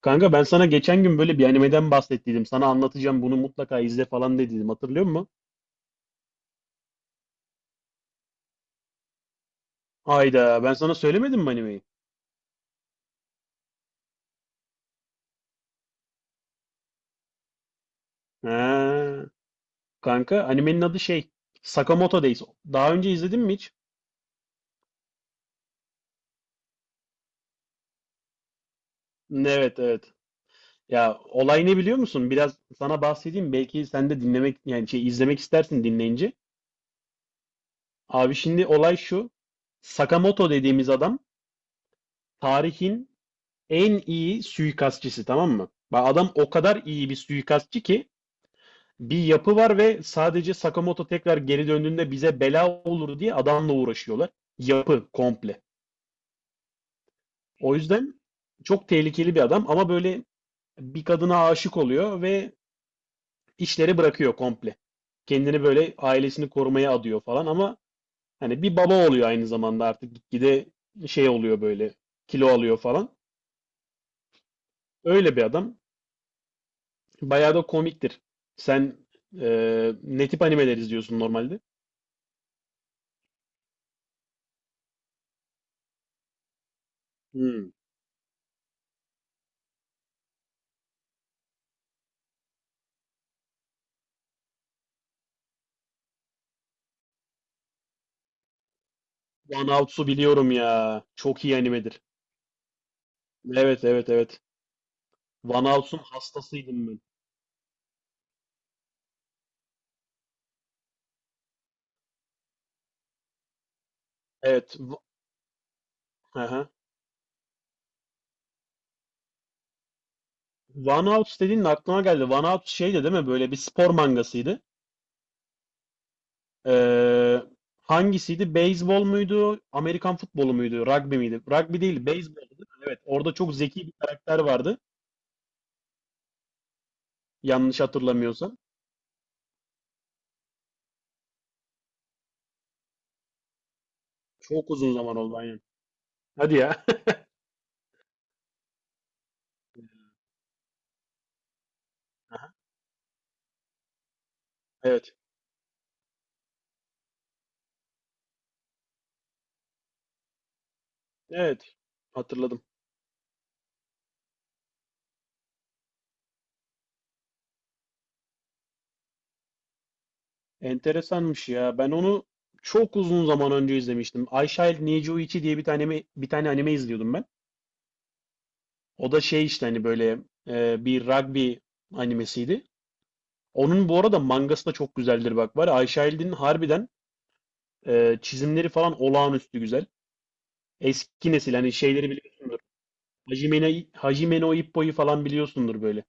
Kanka ben sana geçen gün böyle bir animeden bahsettiydim. Sana anlatacağım bunu mutlaka izle falan dediydim. Hatırlıyor musun? Hayda ben sana söylemedim mi animeyi? Ha, kanka animenin adı şey Sakamoto Days. Daha önce izledin mi hiç? Evet, evet. Ya olay ne biliyor musun? Biraz sana bahsedeyim. Belki sen de dinlemek yani şey izlemek istersin dinleyince. Abi şimdi olay şu. Sakamoto dediğimiz adam tarihin en iyi suikastçısı, tamam mı? Bak adam o kadar iyi bir suikastçı ki bir yapı var ve sadece Sakamoto tekrar geri döndüğünde bize bela olur diye adamla uğraşıyorlar. Yapı komple. O yüzden çok tehlikeli bir adam ama böyle bir kadına aşık oluyor ve işleri bırakıyor komple. Kendini böyle ailesini korumaya adıyor falan ama hani bir baba oluyor aynı zamanda artık gitgide şey oluyor böyle kilo alıyor falan. Öyle bir adam. Bayağı da komiktir. Sen ne tip animeler izliyorsun normalde? Hmm. One Outs'u biliyorum ya. Çok iyi animedir. Evet, evet, evet. One Outs'un hastasıydım ben. Evet. Hı hı. One Outs dediğin aklıma geldi. One Outs şeydi değil mi? Böyle bir spor mangasıydı. Ee, hangisiydi? Beyzbol muydu? Amerikan futbolu muydu? Rugby miydi? Rugby değil, beyzboldu değil mi? Evet. Orada çok zeki bir karakter vardı. Yanlış hatırlamıyorsam. Çok uzun zaman oldu aynen. Hadi ya. Evet. Evet. Hatırladım. Enteresanmış ya. Ben onu çok uzun zaman önce izlemiştim. I Shall Need You 2 diye bir tane anime izliyordum ben. O da şey işte hani böyle bir rugby animesiydi. Onun bu arada mangası da çok güzeldir bak var. Ya, I Shall'in harbiden çizimleri falan olağanüstü güzel. Eski nesil hani şeyleri biliyorsundur. Hajime no Ippo'yu falan biliyorsundur böyle.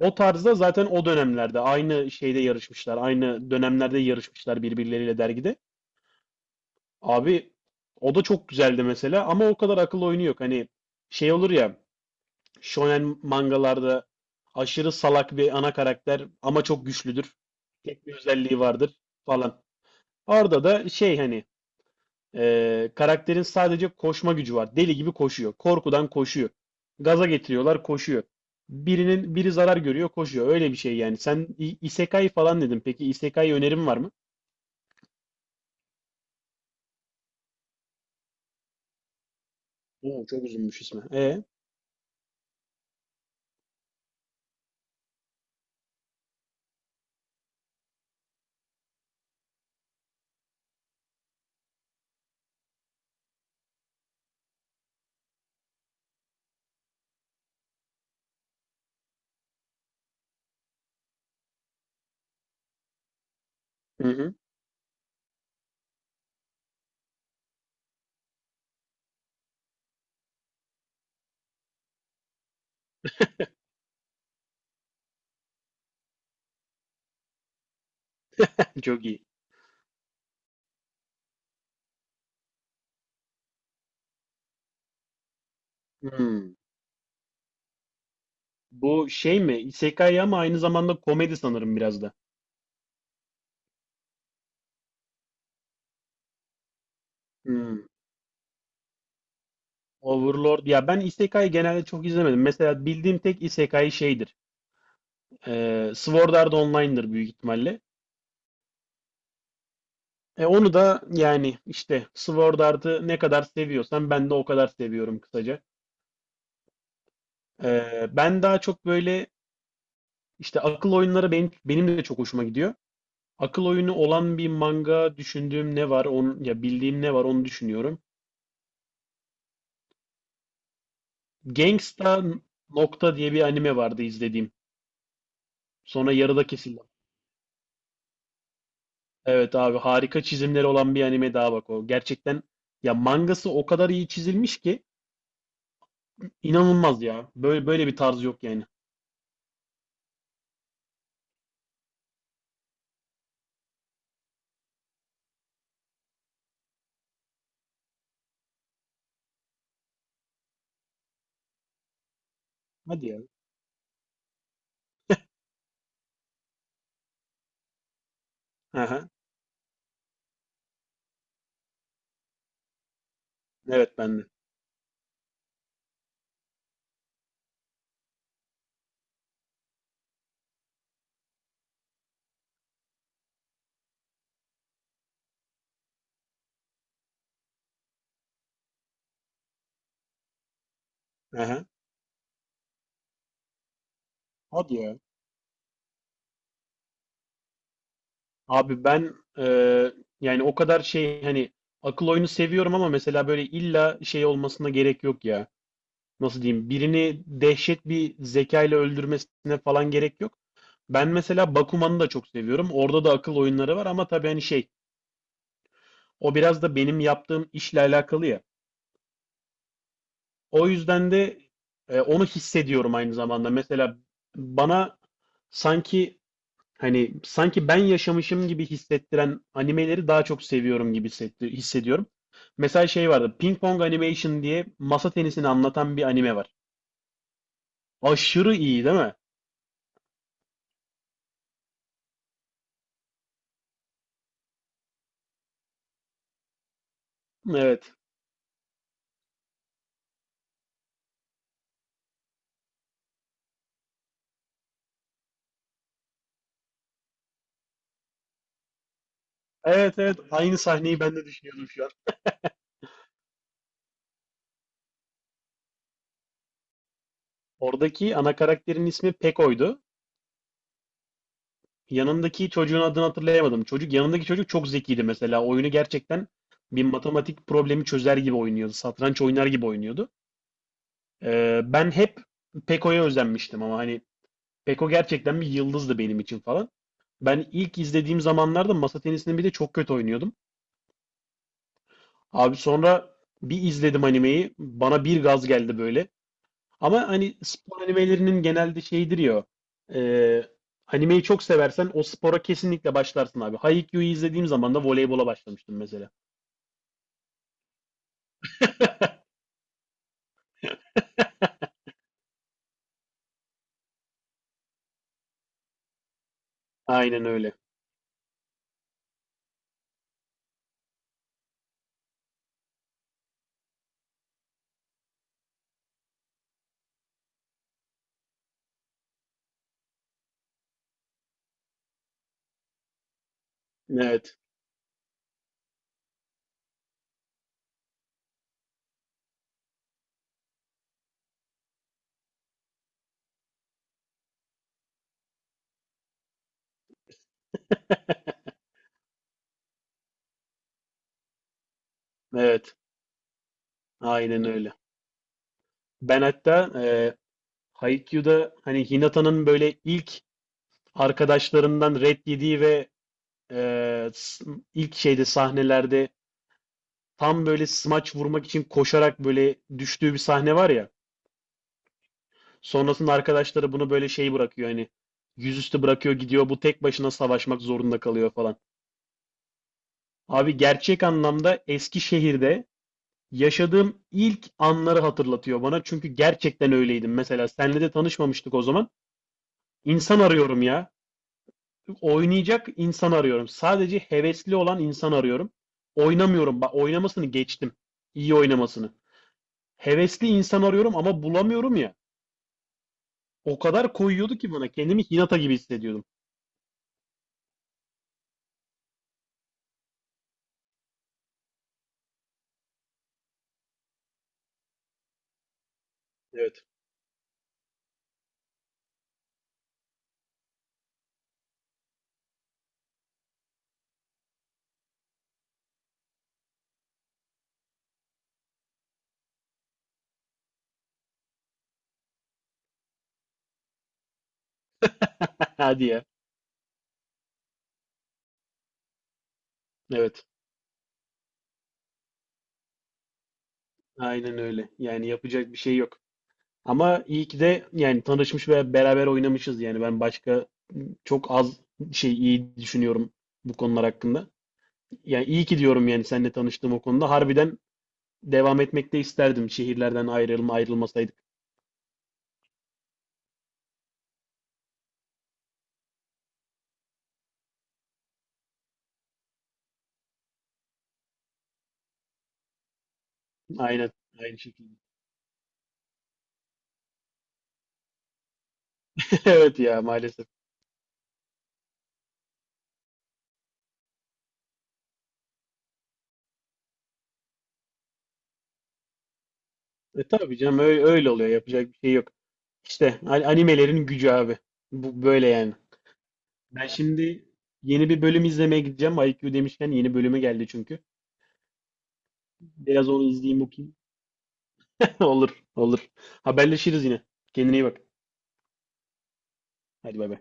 O tarzda zaten o dönemlerde aynı şeyde yarışmışlar. Aynı dönemlerde yarışmışlar birbirleriyle dergide. Abi o da çok güzeldi mesela ama o kadar akıl oyunu yok. Hani şey olur ya shonen mangalarda aşırı salak bir ana karakter ama çok güçlüdür. Tek bir özelliği vardır falan. Orada da şey hani karakterin sadece koşma gücü var. Deli gibi koşuyor. Korkudan koşuyor. Gaza getiriyorlar koşuyor. Birinin biri zarar görüyor koşuyor. Öyle bir şey yani. Sen isekai falan dedin. Peki isekai önerim var mı? Oo, çok uzunmuş ismi. E? Hı hı. Çok iyi. Hmm. Bu şey mi? Isekai ama aynı zamanda komedi sanırım biraz da. Hmm. Overlord. Ya ben Isekai genelde çok izlemedim. Mesela bildiğim tek Isekai şeydir. Sword Art Online'dır büyük ihtimalle. E onu da yani işte Sword Art'ı ne kadar seviyorsan ben de o kadar seviyorum kısaca. Ben daha çok böyle işte akıl oyunları benim de çok hoşuma gidiyor. Akıl oyunu olan bir manga düşündüğüm ne var onu ya bildiğim ne var onu düşünüyorum. Gangsta nokta diye bir anime vardı izlediğim. Sonra yarıda kesildim. Evet abi harika çizimleri olan bir anime daha bak o. Gerçekten ya mangası o kadar iyi çizilmiş ki inanılmaz ya. Böyle böyle bir tarz yok yani. Hadi ya. Aha. Evet ben de. Aha. Hadi ya. Abi ben yani o kadar şey hani akıl oyunu seviyorum ama mesela böyle illa şey olmasına gerek yok ya. Nasıl diyeyim? Birini dehşet bir zekayla öldürmesine falan gerek yok. Ben mesela Bakuman'ı da çok seviyorum. Orada da akıl oyunları var ama tabii hani şey. O biraz da benim yaptığım işle alakalı ya. O yüzden de onu hissediyorum aynı zamanda. Mesela bana sanki hani sanki ben yaşamışım gibi hissettiren animeleri daha çok seviyorum gibi hissediyorum. Mesela şey vardı. Ping Pong Animation diye masa tenisini anlatan bir anime var. Aşırı iyi değil mi? Evet. Evet, evet. Aynı sahneyi ben de düşünüyordum şu an. Oradaki ana karakterin ismi Peko'ydu. Yanındaki çocuğun adını hatırlayamadım. Yanındaki çocuk çok zekiydi mesela. Oyunu gerçekten bir matematik problemi çözer gibi oynuyordu. Satranç oynar gibi oynuyordu. Ben hep Peko'ya özenmiştim ama hani Peko gerçekten bir yıldızdı benim için falan. Ben ilk izlediğim zamanlarda masa tenisini bir de çok kötü oynuyordum. Abi sonra bir izledim animeyi. Bana bir gaz geldi böyle. Ama hani spor animelerinin genelde şeyidir ya. E, animeyi çok seversen o spora kesinlikle başlarsın abi. Haikyuu'yu izlediğim zaman da voleybola başlamıştım mesela. Aynen öyle. Evet. Evet. Aynen öyle. Ben hatta Haikyuu'da hani Hinata'nın böyle ilk arkadaşlarından red yediği ve e, s- ilk sahnelerde tam böyle smaç vurmak için koşarak böyle düştüğü bir sahne var ya. Sonrasında arkadaşları bunu böyle şey bırakıyor hani yüzüstü bırakıyor gidiyor bu tek başına savaşmak zorunda kalıyor falan. Abi gerçek anlamda Eskişehir'de yaşadığım ilk anları hatırlatıyor bana. Çünkü gerçekten öyleydim. Mesela senle de tanışmamıştık o zaman. İnsan arıyorum ya. Oynayacak insan arıyorum. Sadece hevesli olan insan arıyorum. Oynamıyorum. Bak oynamasını geçtim. İyi oynamasını. Hevesli insan arıyorum ama bulamıyorum ya. O kadar koyuyordu ki bana. Kendimi Hinata gibi hissediyordum. Evet. Hadi ya. Evet, aynen öyle. Yani yapacak bir şey yok. Ama iyi ki de yani tanışmış ve beraber oynamışız. Yani ben başka çok az şey iyi düşünüyorum bu konular hakkında. Yani iyi ki diyorum yani seninle tanıştığım o konuda. Harbiden devam etmek de isterdim. Şehirlerden ayrılmasaydık. Aynen aynı şekilde. Evet ya maalesef. E tabii canım öyle, öyle oluyor. Yapacak bir şey yok. İşte animelerin gücü abi. Bu böyle yani. Ben şimdi yeni bir bölüm izlemeye gideceğim. IQ demişken yeni bölümü geldi çünkü. Biraz onu izleyeyim okuyayım Olur, olur. Haberleşiriz yine. Kendine iyi bak. Hadi bay bay.